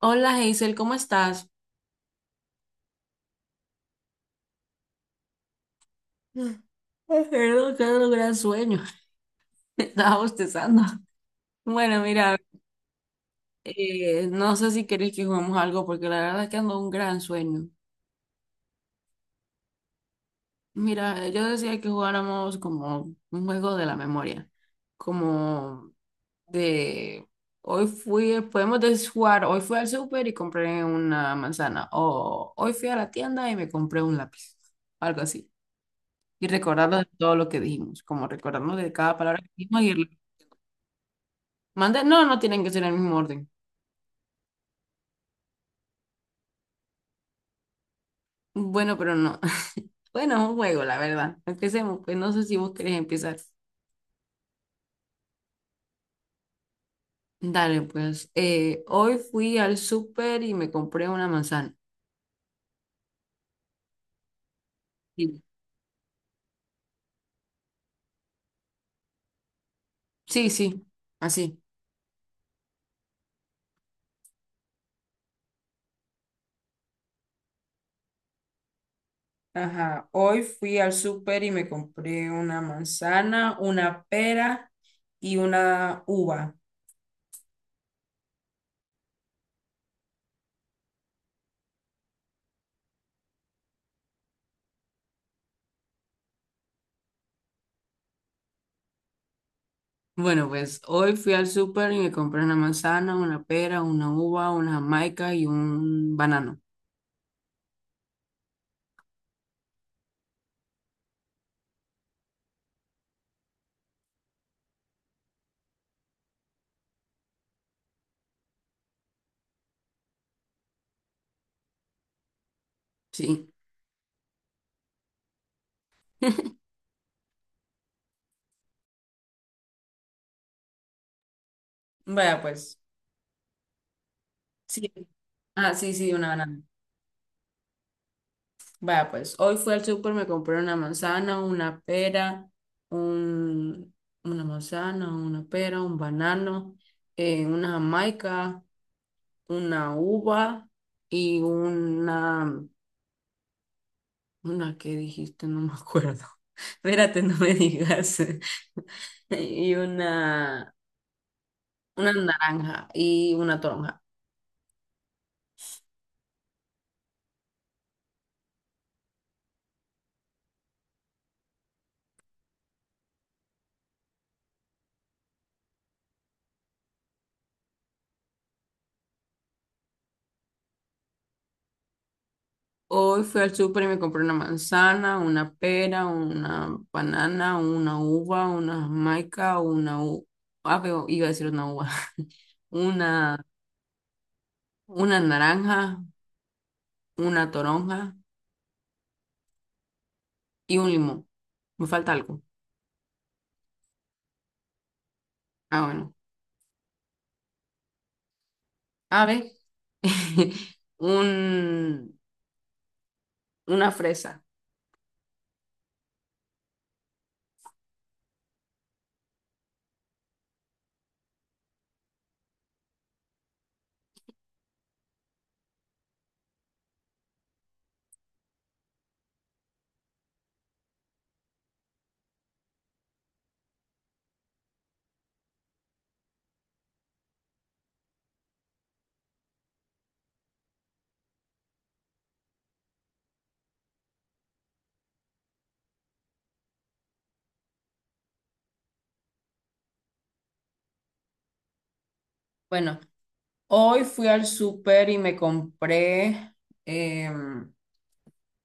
Hola Hazel, ¿cómo estás? Mm. Ay, perdón, que era un gran sueño. Estaba bostezando. Bueno, mira, no sé si querés que juguemos algo porque la verdad es que ando un gran sueño. Mira, yo decía que jugáramos como un juego de la memoria, como de hoy fui, podemos jugar, hoy fui al súper y compré una manzana, o hoy fui a la tienda y me compré un lápiz, algo así. Y recordarnos de todo lo que dijimos, como recordarnos de cada palabra que dijimos. Manda, no, no tienen que ser en el mismo orden. Bueno, pero no. Bueno, es un juego, la verdad. Empecemos, pues no sé si vos querés empezar. Dale, pues. Hoy fui al súper y me compré una manzana. Sí, sí, sí, así. Ajá, hoy fui al súper y me compré una manzana, una pera y una uva. Bueno, pues hoy fui al súper y me compré una manzana, una pera, una uva, una jamaica y un banano. Sí. Vaya pues. Sí. Ah, sí, sí, una banana. Vaya, pues hoy fui al súper, me compré una manzana, una pera, un, una manzana, una pera, un banano, una jamaica, una uva y una que dijiste, no me acuerdo. Espérate, no me digas. Y una naranja y una toronja. Hoy fui al súper y me compré una manzana, una pera, una banana, una uva, una jamaica, una u... ah, pero iba a decir una uva, una, una naranja, una toronja y un limón. Me falta algo. Ah, bueno. A ver, un, una fresa. Bueno, hoy fui al súper y me compré, em,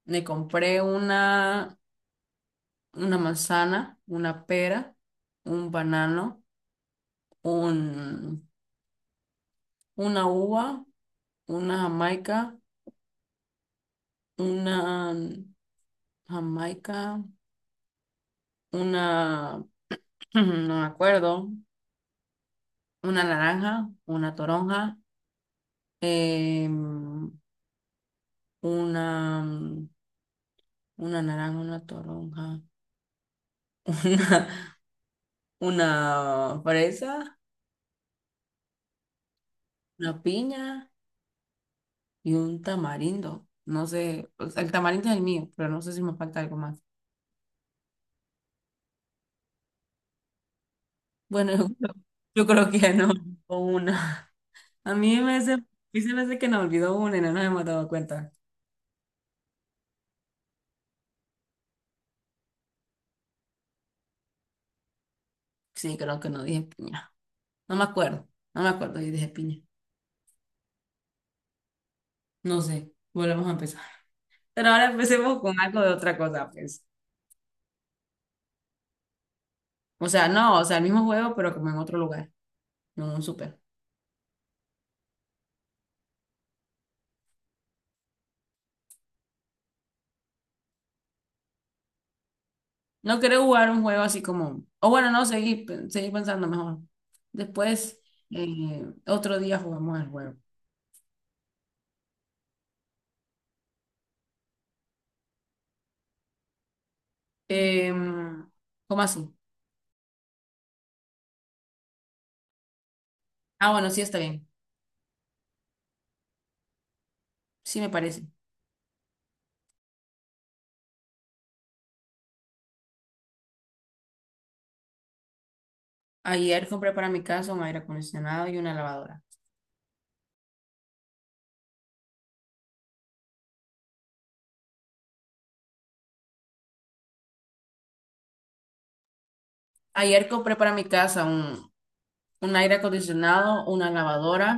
me compré una manzana, una pera, un banano, un, una uva, una jamaica, una jamaica, una, no me acuerdo, una naranja, una toronja, em, una, una naranja, una toronja, una, una fresa, una piña y un tamarindo. No sé, o sea, el tamarindo es el mío, pero no sé si me falta algo más. Bueno, yo creo que ya no, o una. A mí se me hace que nos olvidó una y no nos hemos dado cuenta. Sí, creo que no dije piña. No me acuerdo. No me acuerdo si dije piña. No sé. Volvemos a empezar. Pero ahora empecemos con algo de otra cosa, pues. O sea, no, o sea, el mismo juego, pero como en otro lugar, en un súper. No quiero jugar un juego así como. O bueno, no, seguir pensando mejor. Después, otro día jugamos el juego. Em, ¿cómo así? Ah, bueno, sí está bien. Sí me parece. Ayer compré para mi casa un aire acondicionado y una lavadora. Ayer compré para mi casa un aire acondicionado, una lavadora,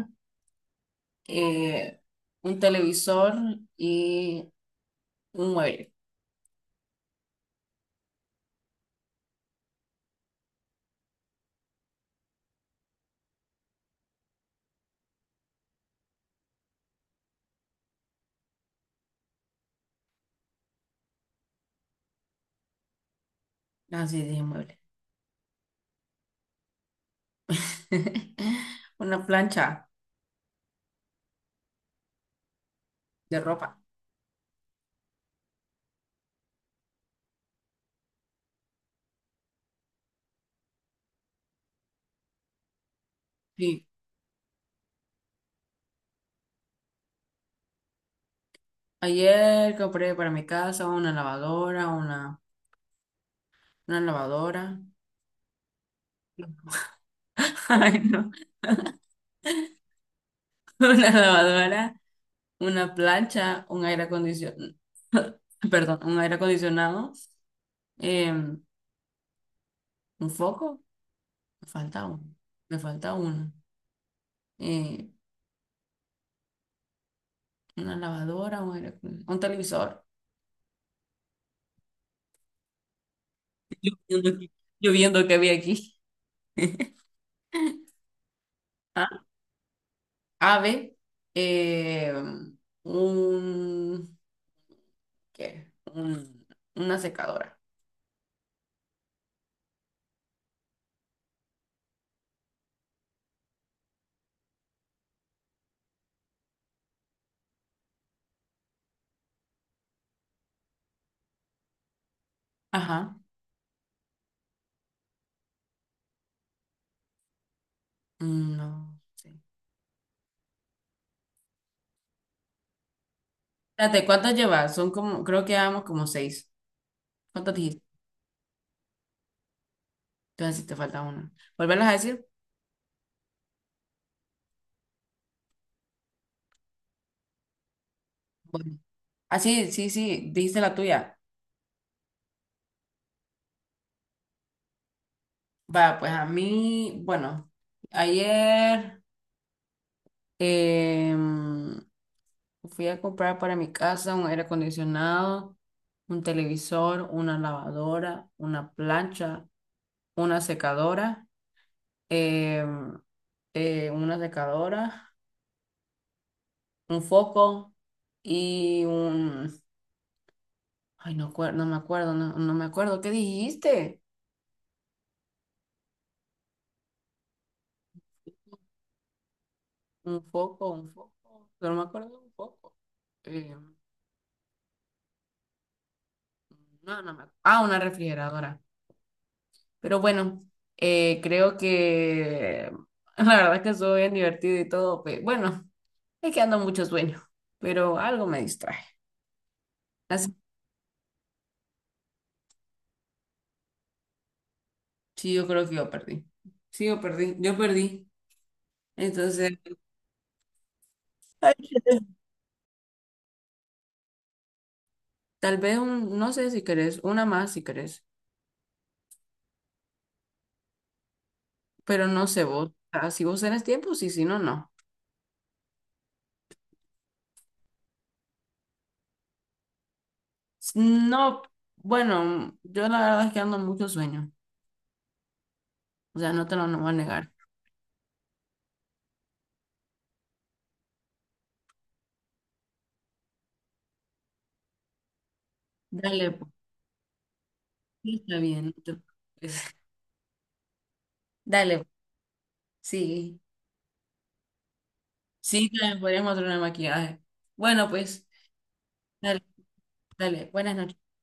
eh, un televisor y un mueble. Así sí, dije mueble. Una plancha de ropa. Sí. Ayer compré para mi casa una lavadora. Ay, no. Una lavadora, una plancha, un aire acondicionado. Perdón, un aire acondicionado. em, un foco. Me falta uno. Me falta uno. eh, una lavadora, un televisor. Yo viendo que, yo viendo que había aquí. Ah, ave, eh, un, ¿qué? Una secadora. Ajá. Mm, no sé. Espérate, ¿cuántas llevas? Son como, creo que llevamos como seis. ¿Cuántas dijiste? Entonces, si te falta una. ¿Volverlas a decir? Bueno. Ah, sí, sí, sí, dijiste la tuya. Va, pues a mí, bueno, ayer. Em, fui a comprar para mi casa un aire acondicionado, un televisor, una lavadora, una plancha, una secadora, em, una secadora, un foco y un... Ay, no, no me acuerdo, no, no me acuerdo. ¿Qué dijiste? Un foco, un foco. Pero no me acuerdo de un foco. Em, no, no me acuerdo. Ah, una refrigeradora. Pero bueno, creo que la verdad que estuvo bien divertido y todo. Bueno, es que ando mucho sueño, pero algo me distrae. Así, sí, yo creo que yo perdí. Sí, yo perdí. Yo perdí. Entonces, tal vez un, no sé si querés, una más si querés, pero no sé vos. Si vos tenés tiempo, sí, si no, no. No, bueno, yo la verdad es que ando mucho sueño. O sea, no te lo no voy a negar. Dale, pues, sí, está bien. Pues, dale, sí. Sí, también podríamos hacer una maquillaje. Bueno, pues, dale, dale. Buenas noches.